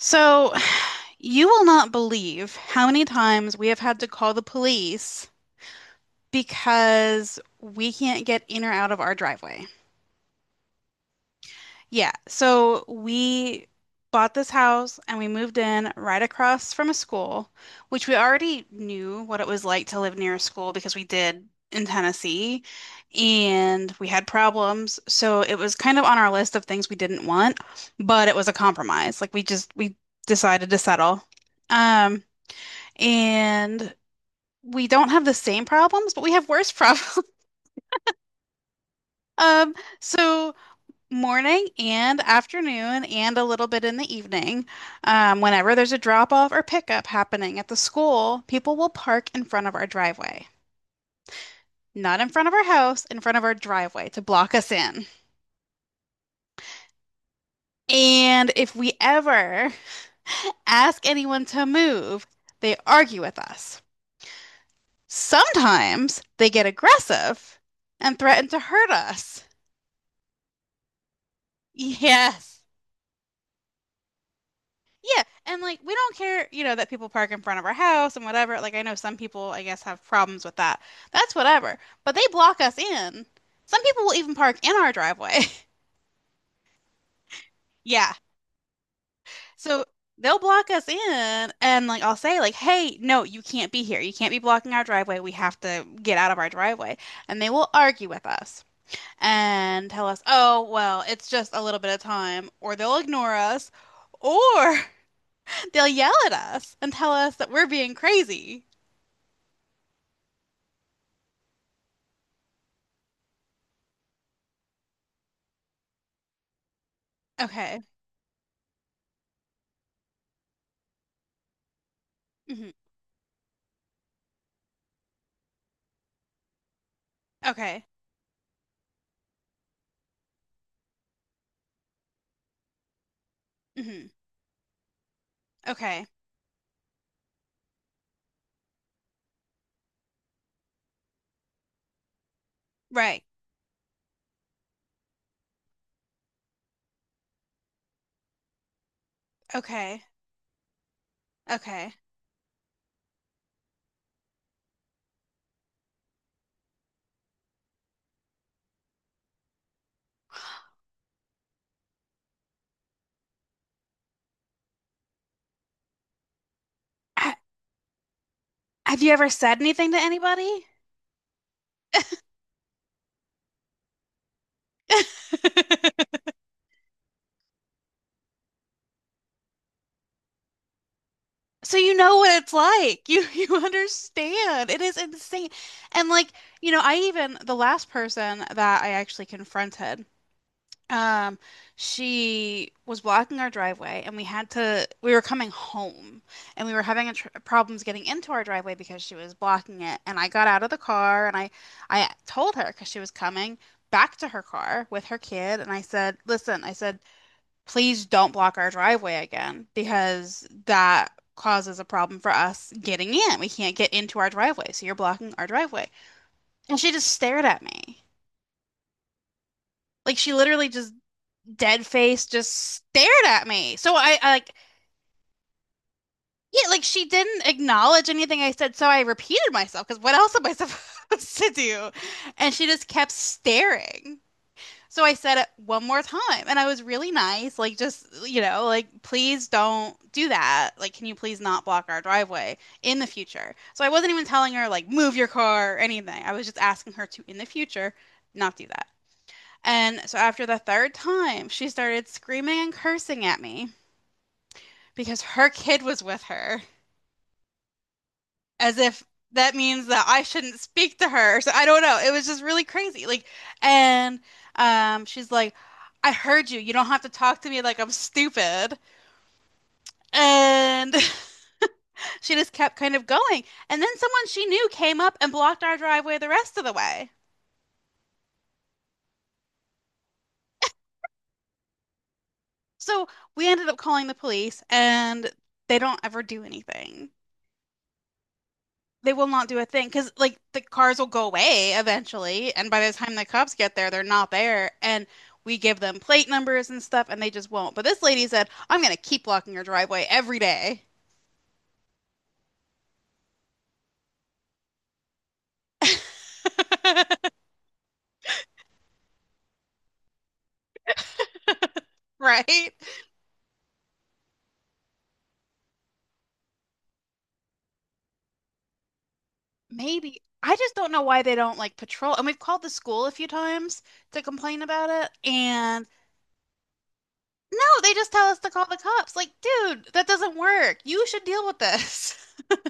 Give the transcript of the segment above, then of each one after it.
So, you will not believe how many times we have had to call the police because we can't get in or out of our driveway. Yeah, so we bought this house and we moved in right across from a school, which we already knew what it was like to live near a school because we did in Tennessee and we had problems. So it was kind of on our list of things we didn't want, but it was a compromise. Like we decided to settle. Um and we don't have the same problems, but we have worse problems. So morning and afternoon and a little bit in the evening, whenever there's a drop off or pickup happening at the school, people will park in front of our driveway. Not in front of our house, in front of our driveway to block us in. And if we ever ask anyone to move, they argue with us. Sometimes they get aggressive and threaten to hurt us. Yes. Yeah. And like we don't care, that people park in front of our house and whatever. Like I know some people, I guess, have problems with that. That's whatever. But they block us in. Some people will even park in our driveway. Yeah. So they'll block us in and like I'll say like, "Hey, no, you can't be here. You can't be blocking our driveway. We have to get out of our driveway." And they will argue with us and tell us, "Oh, well, it's just a little bit of time," or they'll ignore us. Or they'll yell at us and tell us that we're being crazy. Okay. Hmm. Okay. Hmm. Okay. Right. Okay. Okay. Ha- have you ever said anything to anybody? So you know what it's like. You you understand. It is insane. And like, I even the last person that I actually confronted. Um, she was blocking our driveway, and we had to. We were coming home, and we were having a tr problems getting into our driveway because she was blocking it. And I got out of the car, and I told her because she was coming back to her car with her kid, and I said, "Listen," I said, "please don't block our driveway again because that causes a problem for us getting in. We can't get into our driveway, so you're blocking our driveway." And she just stared at me. Like she literally just dead face just stared at me. So I like yeah, like she didn't acknowledge anything I said, so I repeated myself because what else am I supposed to do? And she just kept staring. So I said it one more time and I was really nice, like just, like please don't do that. Like can you please not block our driveway in the future? So I wasn't even telling her like move your car or anything. I was just asking her to in the future not do that. And so after the third time, she started screaming and cursing at me, because her kid was with her, as if that means that I shouldn't speak to her. So I don't know. It was just really crazy. Like, and she's like, "I heard you. You don't have to talk to me like I'm stupid." And she just kept kind of going. And then someone she knew came up and blocked our driveway the rest of the way. So we ended up calling the police, and they don't ever do anything. They will not do a thing because like the cars will go away eventually, and by the time the cops get there, they're not there, and we give them plate numbers and stuff, and they just won't. But this lady said, "I'm gonna keep blocking your driveway every day." Right? Maybe. I just don't know why they don't like patrol. And we've called the school a few times to complain about it, and no, they just tell us to call the cops. Like, dude, that doesn't work. You should deal with this.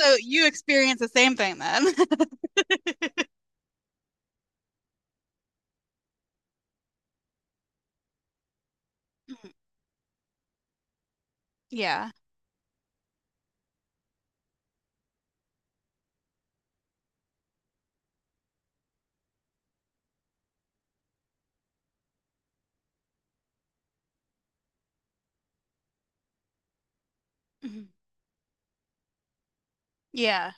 So you experience the same thing then. Yeah. Mhm. Yeah.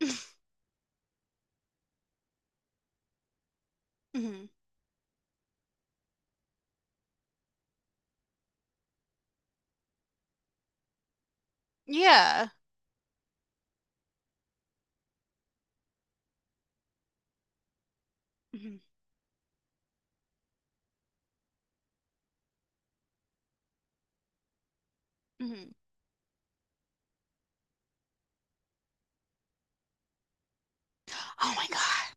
Mhm. Yeah. Mhm. Mhm. Oh my God.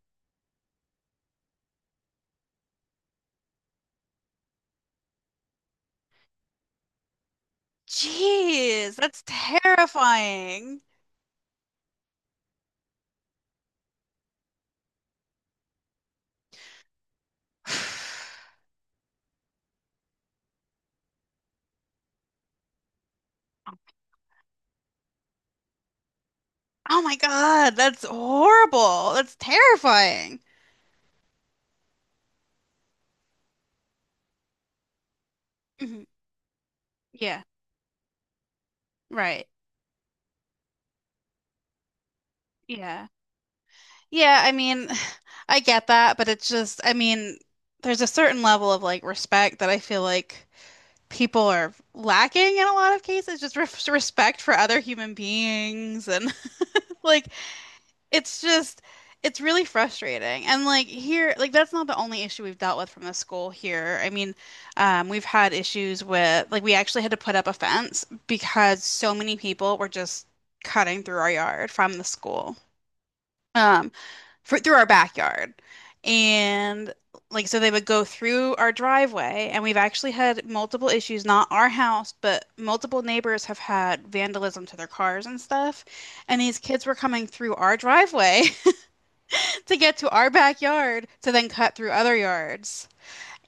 Jeez, that's terrifying. Oh my God, that's horrible. That's terrifying. Mhm. Yeah, right. Yeah. Yeah, I mean, I get that, but it's just, I mean, there's a certain level of like respect that I feel like people are lacking in a lot of cases, just re respect for other human beings and like it's just it's really frustrating. And like here, like that's not the only issue we've dealt with from the school here. I mean, we've had issues with like we actually had to put up a fence because so many people were just cutting through our yard from the school, um, through our backyard. And like so they would go through our driveway and we've actually had multiple issues, not our house, but multiple neighbors have had vandalism to their cars and stuff. And these kids were coming through our driveway to get to our backyard to then cut through other yards.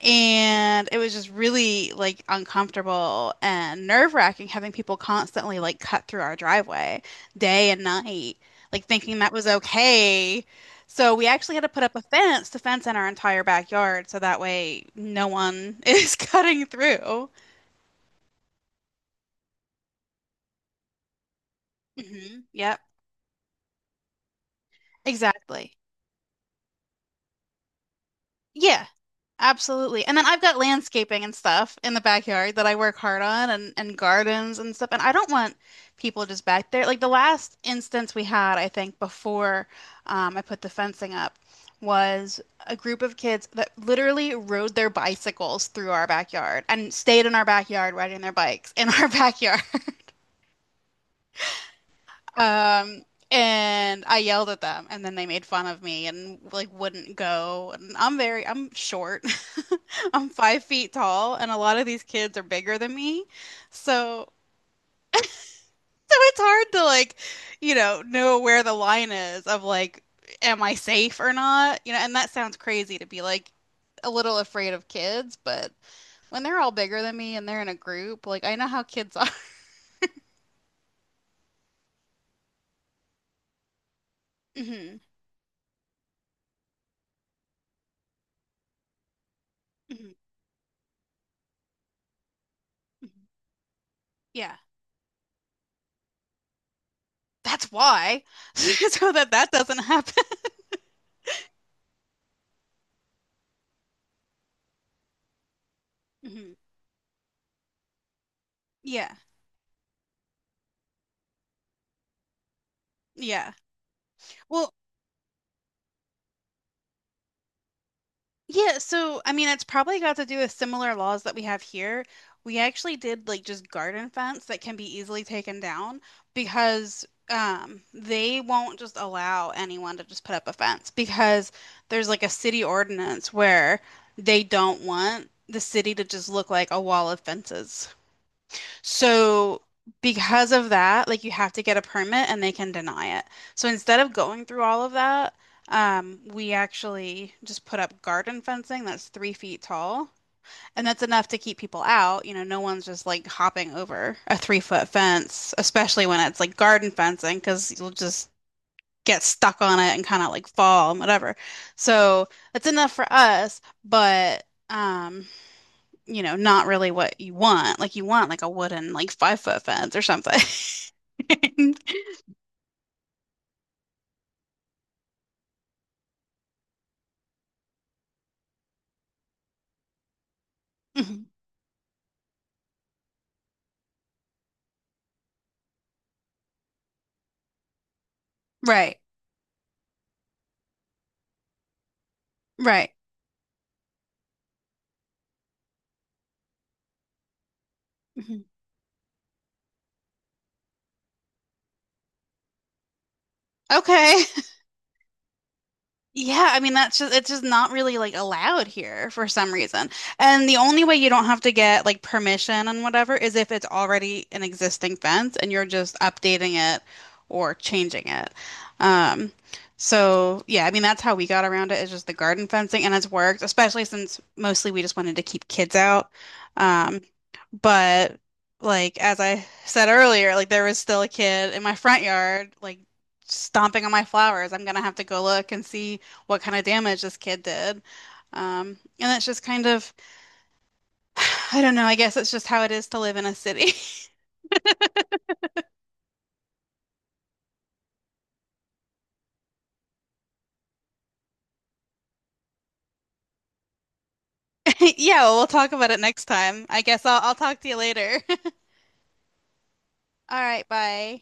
And it was just really like uncomfortable and nerve-wracking having people constantly like cut through our driveway day and night, like thinking that was okay. So we actually had to put up a fence to fence in our entire backyard so that way no one is cutting through. Hmm. Yep. Exactly. Yeah. Absolutely. And then I've got landscaping and stuff in the backyard that I work hard on and gardens and stuff. And I don't want people just back there. Like the last instance we had, I think, before I put the fencing up was a group of kids that literally rode their bicycles through our backyard and stayed in our backyard riding their bikes in our backyard. Um, and I yelled at them, and then they made fun of me and like wouldn't go. And I'm short. I'm 5 feet tall, and a lot of these kids are bigger than me. So, so, it's hard to like, know where the line is of like, am I safe or not? You know, and that sounds crazy to be like a little afraid of kids, but when they're all bigger than me and they're in a group, like I know how kids are. Hmm. Hmm. Yeah. That's why so that that doesn't happen. Mhm. Yeah, yeah, well, yeah, so I mean it's probably got to do with similar laws that we have here. We actually did like just garden fence that can be easily taken down because they won't just allow anyone to just put up a fence because there's like a city ordinance where they don't want the city to just look like a wall of fences. So because of that, like you have to get a permit and they can deny it. So instead of going through all of that, we actually just put up garden fencing that's 3 feet tall, and that's enough to keep people out. You know, no one's just like hopping over a 3-foot fence, especially when it's like garden fencing, because you'll just get stuck on it and kind of like fall and whatever. So that's enough for us, but um, not really what you want. Like you want like a wooden like 5-foot fence or something. Right. Right. Mhm. Okay. Yeah, I mean that's just it's just not really like allowed here for some reason. And the only way you don't have to get like permission and whatever is if it's already an existing fence and you're just updating it or changing it. Um so yeah, I mean that's how we got around it is just the garden fencing and it's worked, especially since mostly we just wanted to keep kids out. Um but like as I said earlier, like there was still a kid in my front yard like stomping on my flowers. I'm gonna have to go look and see what kind of damage this kid did. Um, and that's just kind of, I don't know, I guess it's just how it is to live in a city. Yeah, well, we'll talk about it next time. I guess I'll talk to you later. All right, bye.